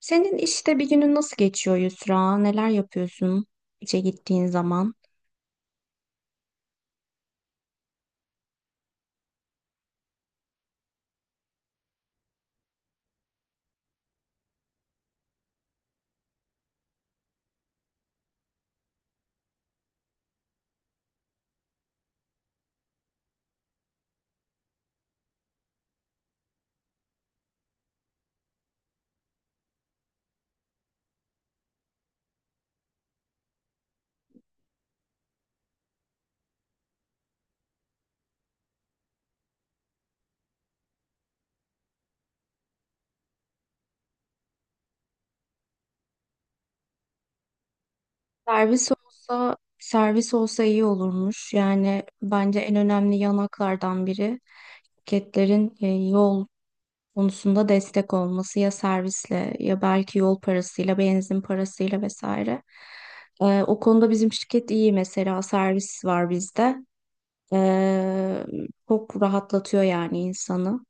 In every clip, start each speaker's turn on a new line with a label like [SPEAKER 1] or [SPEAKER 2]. [SPEAKER 1] Senin işte bir günün nasıl geçiyor, Yusra? Neler yapıyorsun işe gittiğin zaman? Servis olsa servis olsa iyi olurmuş. Yani bence en önemli yanaklardan biri şirketlerin yol konusunda destek olması, ya servisle ya belki yol parasıyla, benzin parasıyla vesaire. O konuda bizim şirket iyi mesela, servis var bizde. E, Çok rahatlatıyor yani insanı.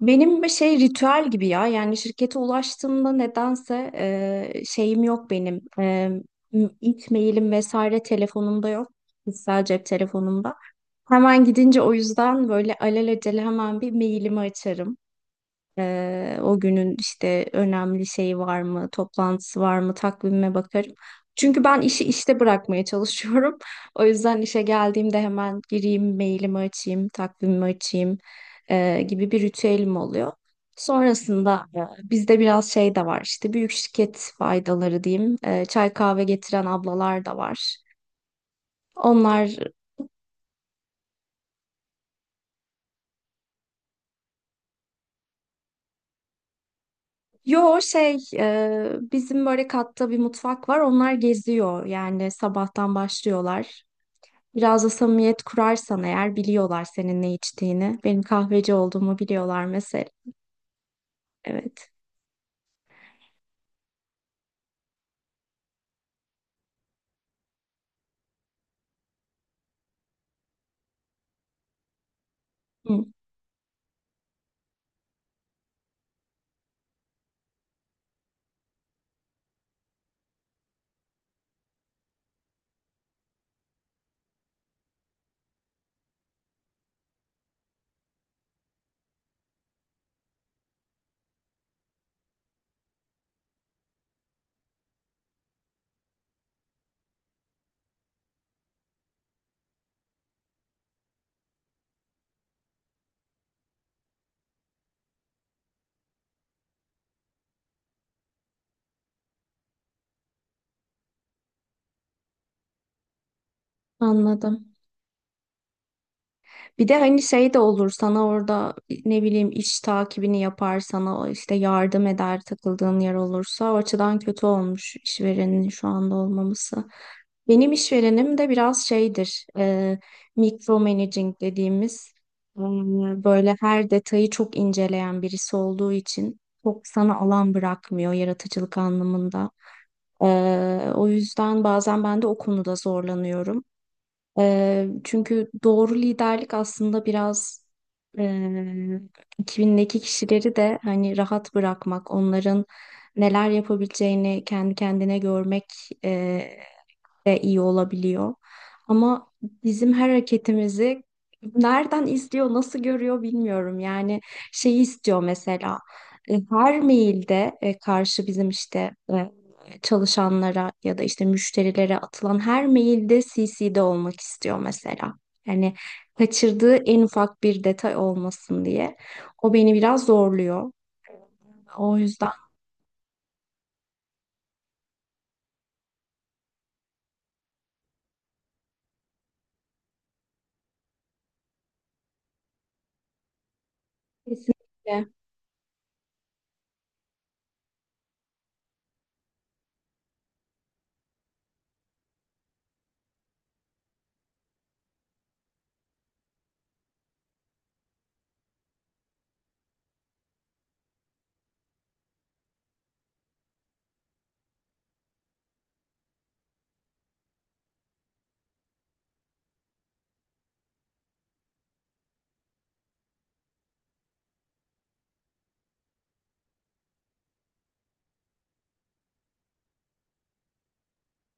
[SPEAKER 1] Benim bir şey ritüel gibi ya, yani şirkete ulaştığımda nedense şeyim yok benim, ilk mailim vesaire telefonumda yok, kişisel cep telefonumda. Hemen gidince o yüzden böyle alelacele hemen bir mailimi açarım. O günün işte önemli şeyi var mı, toplantısı var mı, takvime bakarım. Çünkü ben işi işte bırakmaya çalışıyorum. O yüzden işe geldiğimde hemen gireyim, mailimi açayım, takvimimi açayım, gibi bir ritüelim oluyor. Sonrasında bizde biraz şey de var, işte büyük şirket faydaları diyeyim. E, çay kahve getiren ablalar da var. Onlar. Yo, şey, bizim böyle katta bir mutfak var, onlar geziyor yani sabahtan başlıyorlar. Biraz da samimiyet kurarsan eğer, biliyorlar senin ne içtiğini. Benim kahveci olduğumu biliyorlar mesela. Evet. Hı, anladım. Bir de hani şey de olur sana orada, ne bileyim, iş takibini yapar sana, işte yardım eder takıldığın yer olursa. O açıdan kötü olmuş işverenin şu anda olmaması. Benim işverenim de biraz şeydir, micromanaging dediğimiz, e, böyle her detayı çok inceleyen birisi olduğu için çok sana alan bırakmıyor yaratıcılık anlamında. O yüzden bazen ben de o konuda zorlanıyorum. Çünkü doğru liderlik aslında biraz eee ekibindeki kişileri de hani rahat bırakmak, onların neler yapabileceğini kendi kendine görmek de iyi olabiliyor. Ama bizim her hareketimizi nereden izliyor, nasıl görüyor bilmiyorum. Yani şeyi istiyor mesela, her mailde, karşı bizim işte çalışanlara ya da işte müşterilere atılan her mailde CC'de olmak istiyor mesela. Yani kaçırdığı en ufak bir detay olmasın diye. O beni biraz zorluyor. O yüzden kesinlikle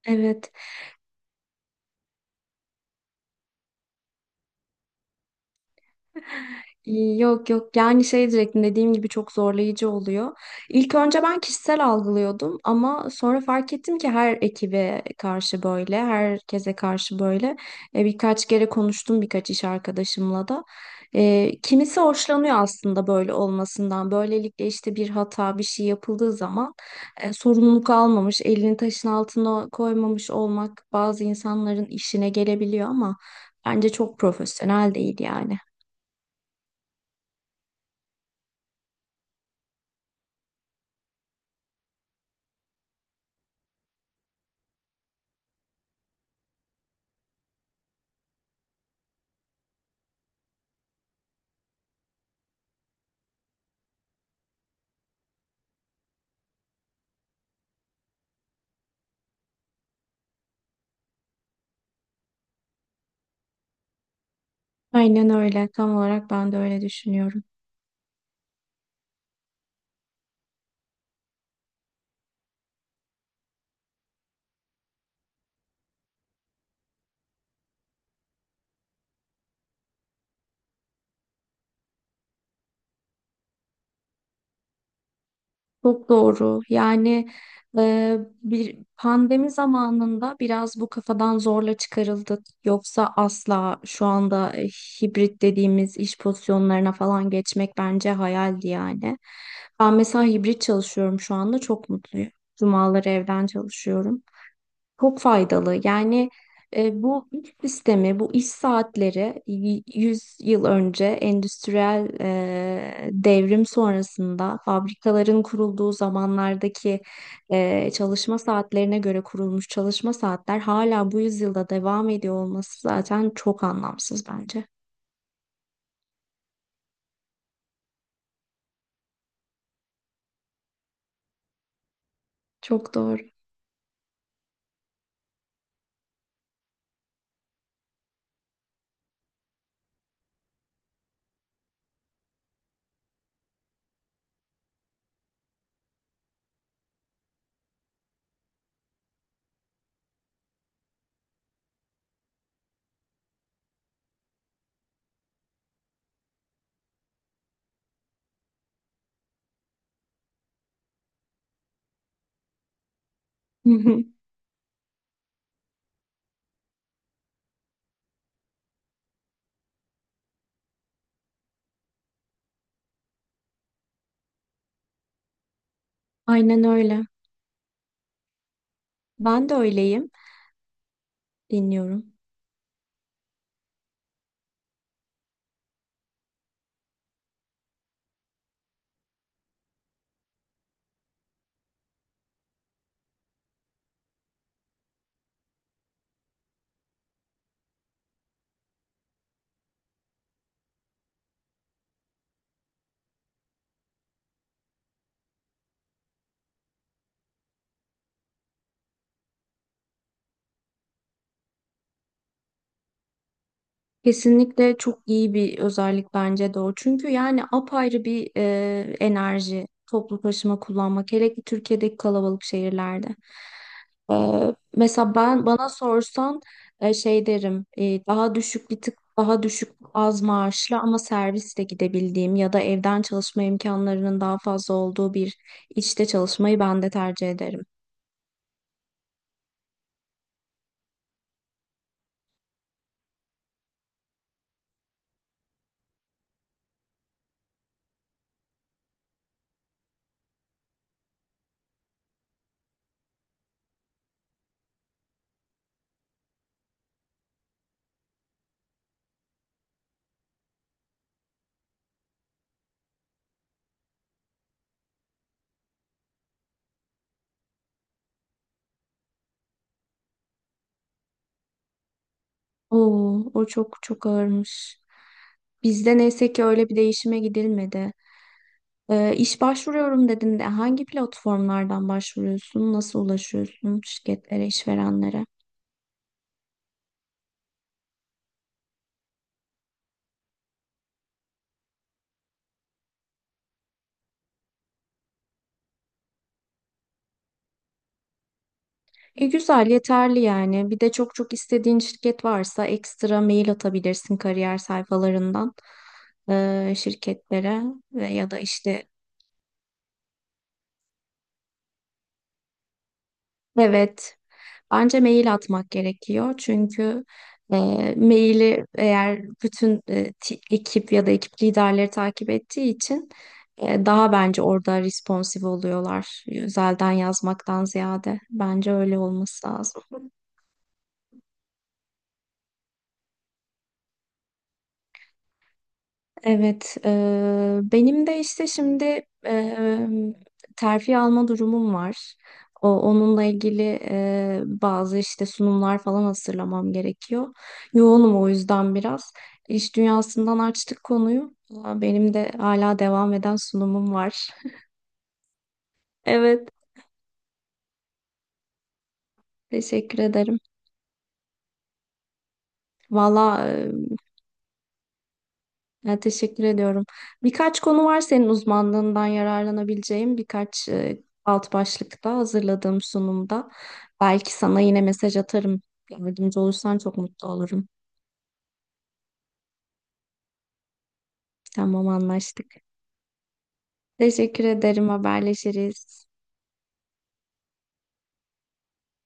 [SPEAKER 1] evet. Yok yok, yani şey diyecektim, dediğim gibi çok zorlayıcı oluyor. İlk önce ben kişisel algılıyordum, ama sonra fark ettim ki her ekibe karşı böyle, herkese karşı böyle. Birkaç kere konuştum birkaç iş arkadaşımla da. Kimisi hoşlanıyor aslında böyle olmasından. Böylelikle işte bir hata bir şey yapıldığı zaman sorumluluk almamış, elini taşın altına koymamış olmak bazı insanların işine gelebiliyor, ama bence çok profesyonel değil yani. Aynen öyle. Tam olarak ben de öyle düşünüyorum. Çok doğru. Yani bir pandemi zamanında biraz bu kafadan zorla çıkarıldık. Yoksa asla şu anda hibrit dediğimiz iş pozisyonlarına falan geçmek bence hayaldi yani. Ben mesela hibrit çalışıyorum şu anda. Çok mutluyum. Cumaları evden çalışıyorum. Çok faydalı. Yani bu iş sistemi, bu iş saatleri 100 yıl önce endüstriyel devrim sonrasında fabrikaların kurulduğu zamanlardaki çalışma saatlerine göre kurulmuş çalışma saatler hala bu yüzyılda devam ediyor olması zaten çok anlamsız bence. Çok doğru. Aynen öyle. Ben de öyleyim. Dinliyorum. Kesinlikle çok iyi bir özellik bence de o. Çünkü yani apayrı bir enerji toplu taşıma kullanmak. Hele ki Türkiye'deki kalabalık şehirlerde. E, Mesela ben, bana sorsan, şey derim, daha düşük bir tık daha düşük az maaşlı ama servisle gidebildiğim ya da evden çalışma imkanlarının daha fazla olduğu bir işte çalışmayı ben de tercih ederim. Oo, o çok çok ağırmış. Bizde neyse ki öyle bir değişime gidilmedi. İş başvuruyorum dedin de, hangi platformlardan başvuruyorsun? Nasıl ulaşıyorsun şirketlere, işverenlere? E, güzel, yeterli yani. Bir de çok çok istediğin şirket varsa ekstra mail atabilirsin kariyer sayfalarından şirketlere ve ya da işte, evet, bence mail atmak gerekiyor. Çünkü e, maili eğer bütün ekip ya da ekip liderleri takip ettiği için daha bence orada responsif oluyorlar, özelden yazmaktan ziyade. Bence öyle olması lazım. Evet, benim de işte şimdi eee, terfi alma durumum var. Onunla ilgili bazı işte sunumlar falan hazırlamam gerekiyor. Yoğunum o yüzden biraz. İş dünyasından açtık konuyu. Aa, benim de hala devam eden sunumum var. Evet, teşekkür ederim. Valla, ya, teşekkür ediyorum. Birkaç konu var senin uzmanlığından yararlanabileceğim, birkaç alt başlıkta hazırladığım sunumda. Belki sana yine mesaj atarım. Yardımcı olursan çok mutlu olurum. Tamam, anlaştık. Teşekkür ederim. Haberleşiriz.